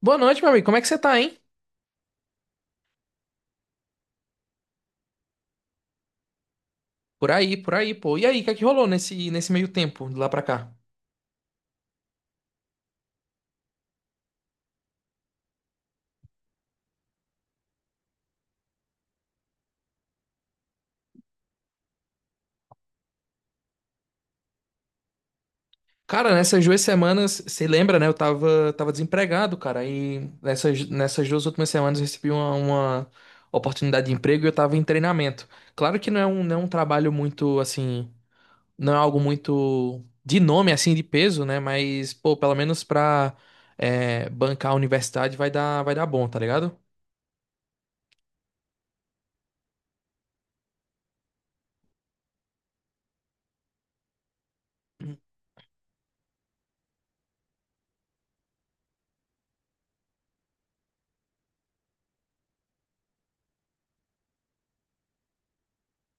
Boa noite, meu amigo. Como é que você tá, hein? Por aí, pô. E aí, o que é que rolou nesse meio tempo, de lá pra cá? Cara, nessas 2 semanas, você lembra, né? Eu tava desempregado, cara. E nessas 2 últimas semanas eu recebi uma oportunidade de emprego e eu tava em treinamento. Claro que não é um trabalho muito, assim, não é algo muito de nome, assim, de peso, né? Mas, pô, pelo menos pra bancar a universidade vai dar bom, tá ligado?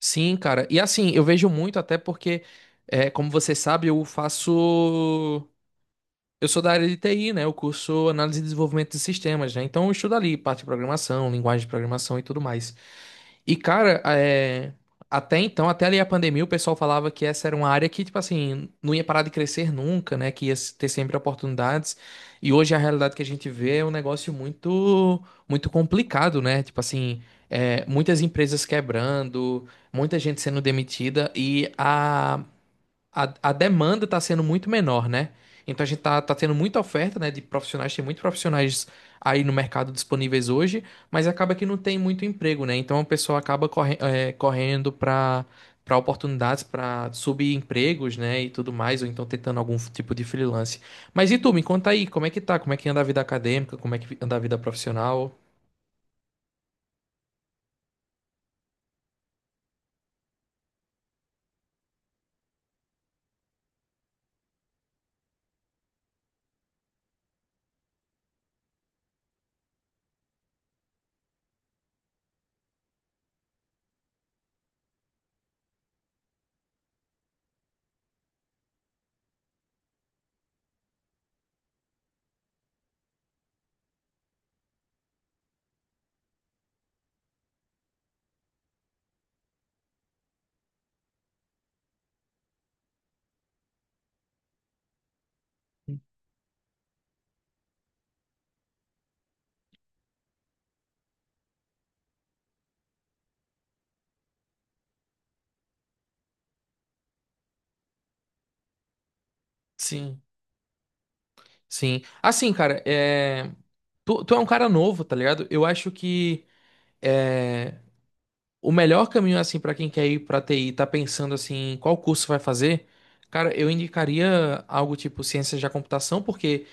Sim, cara. E assim, eu vejo muito até porque, como você sabe, eu faço. Eu sou da área de TI, né? Eu curso análise e desenvolvimento de sistemas, né? Então eu estudo ali parte de programação, linguagem de programação e tudo mais. E, cara, até então, até ali a pandemia, o pessoal falava que essa era uma área que, tipo assim, não ia parar de crescer nunca, né? Que ia ter sempre oportunidades. E hoje a realidade que a gente vê é um negócio muito, muito complicado, né? Tipo assim, muitas empresas quebrando, muita gente sendo demitida e a demanda está sendo muito menor, né? Então a gente tá tendo muita oferta, né, de profissionais, tem muitos profissionais aí no mercado disponíveis hoje, mas acaba que não tem muito emprego, né? Então a pessoa acaba correndo para oportunidades, para subempregos, né, e tudo mais, ou então tentando algum tipo de freelance. Mas e tu, me conta aí, como é que tá? Como é que anda a vida acadêmica? Como é que anda a vida profissional? Sim. Sim. Assim, cara, tu é um cara novo, tá ligado? Eu acho que. é, O melhor caminho, assim, para quem quer ir pra TI, tá pensando, assim, qual curso vai fazer, cara, eu indicaria algo tipo ciências da computação, porque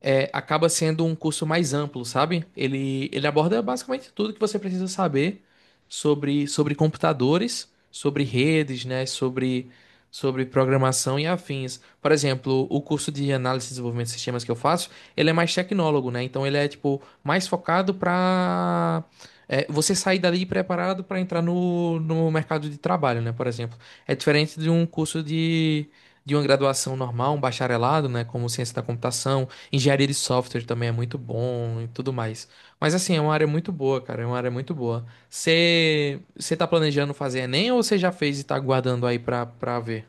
acaba sendo um curso mais amplo, sabe? Ele aborda basicamente tudo que você precisa saber sobre computadores, sobre redes, né? Sobre programação e afins. Por exemplo, o curso de análise e desenvolvimento de sistemas que eu faço, ele é mais tecnólogo, né? Então ele é tipo mais focado para você sair dali preparado para entrar no mercado de trabalho, né? Por exemplo, é diferente de um curso de uma graduação normal, um bacharelado, né, como ciência da computação. Engenharia de software também é muito bom e tudo mais. Mas assim, é uma área muito boa, cara. É uma área muito boa. Você tá planejando fazer Enem ou você já fez e tá aguardando aí pra ver?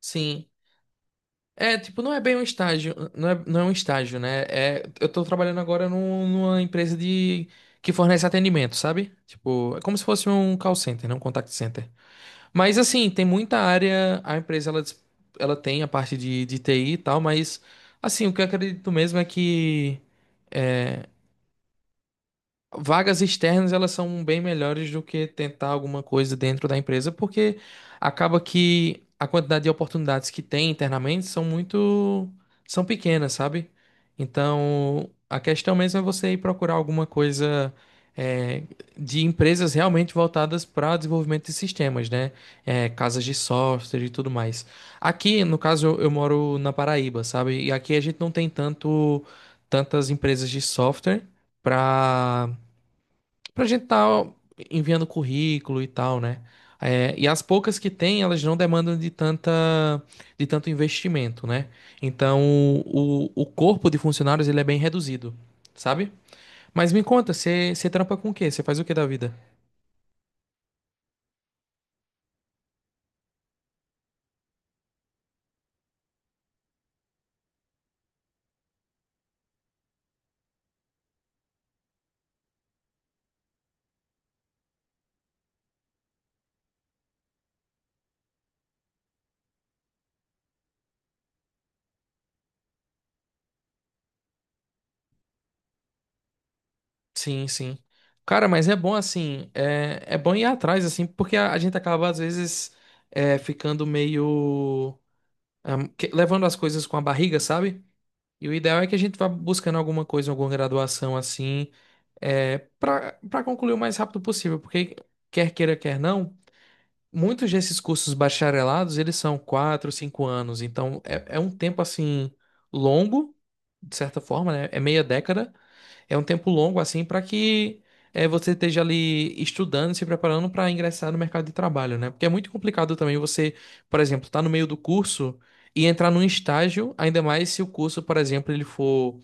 Sim. É, tipo, não é bem um estágio. Não é um estágio, né? É, eu tô trabalhando agora numa empresa de que fornece atendimento, sabe? Tipo, é como se fosse um call center, né? Um contact center. Mas assim, tem muita área, a empresa ela tem a parte de TI e tal, mas assim, o que eu acredito mesmo é que é, vagas externas, elas são bem melhores do que tentar alguma coisa dentro da empresa, porque acaba que a quantidade de oportunidades que tem internamente são pequenas, sabe? Então, a questão mesmo é você ir procurar alguma coisa é, de empresas realmente voltadas para desenvolvimento de sistemas, né? É, casas de software e tudo mais. Aqui, no caso, eu moro na Paraíba, sabe? E aqui a gente não tem tantas empresas de software para pra gente estar enviando currículo e tal, né? É, e as poucas que tem, elas não demandam de tanto investimento, né? Então, o corpo de funcionários, ele é bem reduzido, sabe? Mas me conta, você trampa com o quê? Você faz o que da vida? Sim, sim. Cara, mas é bom assim, é bom ir atrás, assim, porque a gente acaba, às vezes, ficando meio. Ah, levando as coisas com a barriga, sabe? E o ideal é que a gente vá buscando alguma coisa, alguma graduação, assim, para concluir o mais rápido possível, porque quer queira, quer não, muitos desses cursos bacharelados, eles são 4, 5 anos, então é um tempo assim longo, de certa forma, né? É meia década, é um tempo longo assim para que você esteja ali estudando, se preparando para ingressar no mercado de trabalho, né? Porque é muito complicado também você, por exemplo, estar no meio do curso e entrar num estágio, ainda mais se o curso, por exemplo, ele for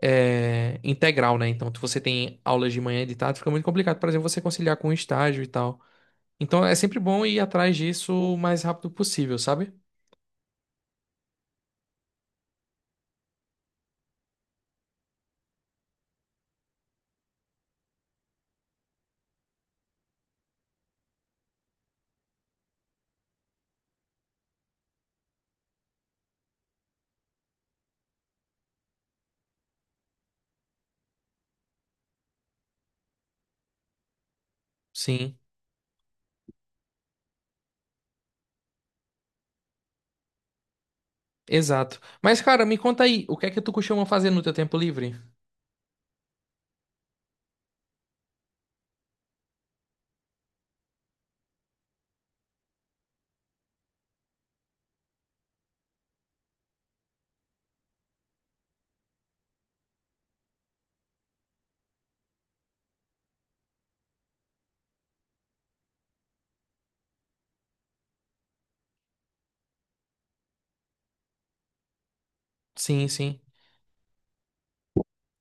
integral, né? Então, se você tem aulas de manhã e de tarde, fica muito complicado, por exemplo, você conciliar com o estágio e tal. Então, é sempre bom ir atrás disso o mais rápido possível, sabe? Sim, exato. Mas, cara, me conta aí, o que é que tu costuma fazer no teu tempo livre? Sim, sim.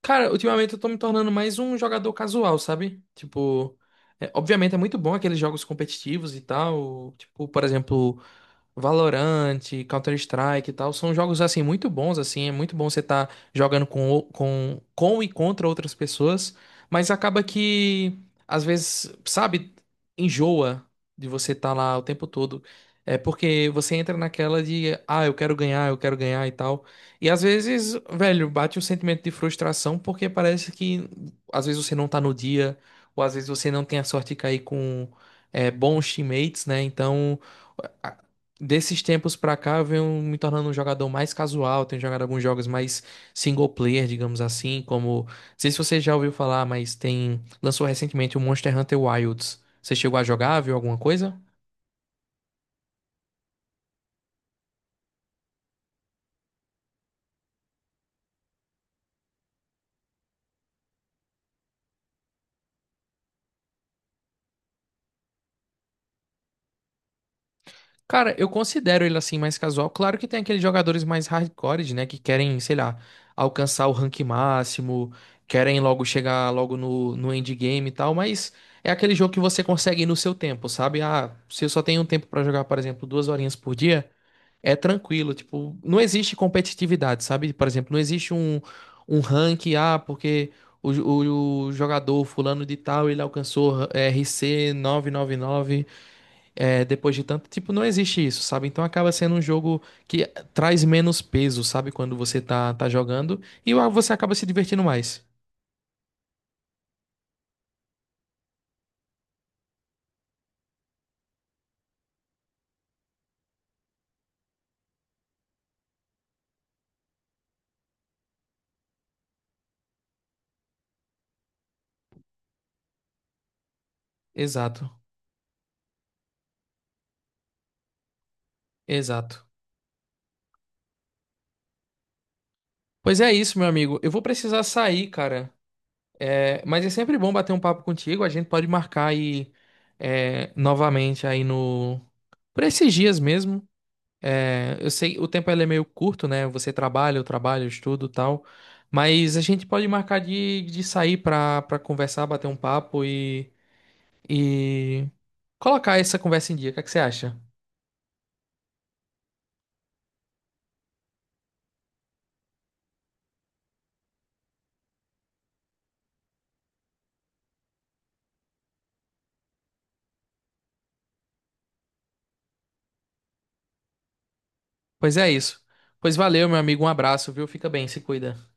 Cara, ultimamente eu tô me tornando mais um jogador casual, sabe? Tipo, obviamente é muito bom aqueles jogos competitivos e tal. Tipo, por exemplo, Valorant, Counter-Strike e tal, são jogos assim muito bons assim, é muito bom você estar jogando com, o- com com e contra outras pessoas, mas acaba que às vezes, sabe, enjoa de você estar lá o tempo todo. É porque você entra naquela de, ah, eu quero ganhar e tal. E às vezes, velho, bate um sentimento de frustração porque parece que às vezes você não tá no dia, ou às vezes você não tem a sorte de cair com bons teammates, né? Então, desses tempos pra cá, eu venho me tornando um jogador mais casual. Tenho jogado alguns jogos mais single player, digamos assim, como. Não sei se você já ouviu falar, mas tem. Lançou recentemente o Monster Hunter Wilds. Você chegou a jogar, viu alguma coisa? Cara, eu considero ele assim mais casual. Claro que tem aqueles jogadores mais hardcore, né? Que querem, sei lá, alcançar o rank máximo, querem logo chegar logo no endgame e tal, mas. É aquele jogo que você consegue ir no seu tempo, sabe? Ah, se eu só tenho um tempo pra jogar, por exemplo, 2 horinhas por dia. É tranquilo, tipo, não existe competitividade, sabe? Por exemplo, não existe um ranking, ah, porque o jogador fulano de tal, ele alcançou RC 999, depois de tanto, tipo, não existe isso, sabe? Então acaba sendo um jogo que traz menos peso, sabe? Quando você tá jogando e você acaba se divertindo mais. Exato, exato. Pois é isso, meu amigo. Eu vou precisar sair, cara. É, mas é sempre bom bater um papo contigo. A gente pode marcar aí novamente aí no por esses dias mesmo. É, eu sei o tempo ele é meio curto, né? Você trabalha, eu trabalho, eu estudo, e tal. Mas a gente pode marcar de sair pra conversar, bater um papo e colocar essa conversa em dia. O que é que você acha? Pois é isso. Pois valeu, meu amigo. Um abraço, viu? Fica bem, se cuida.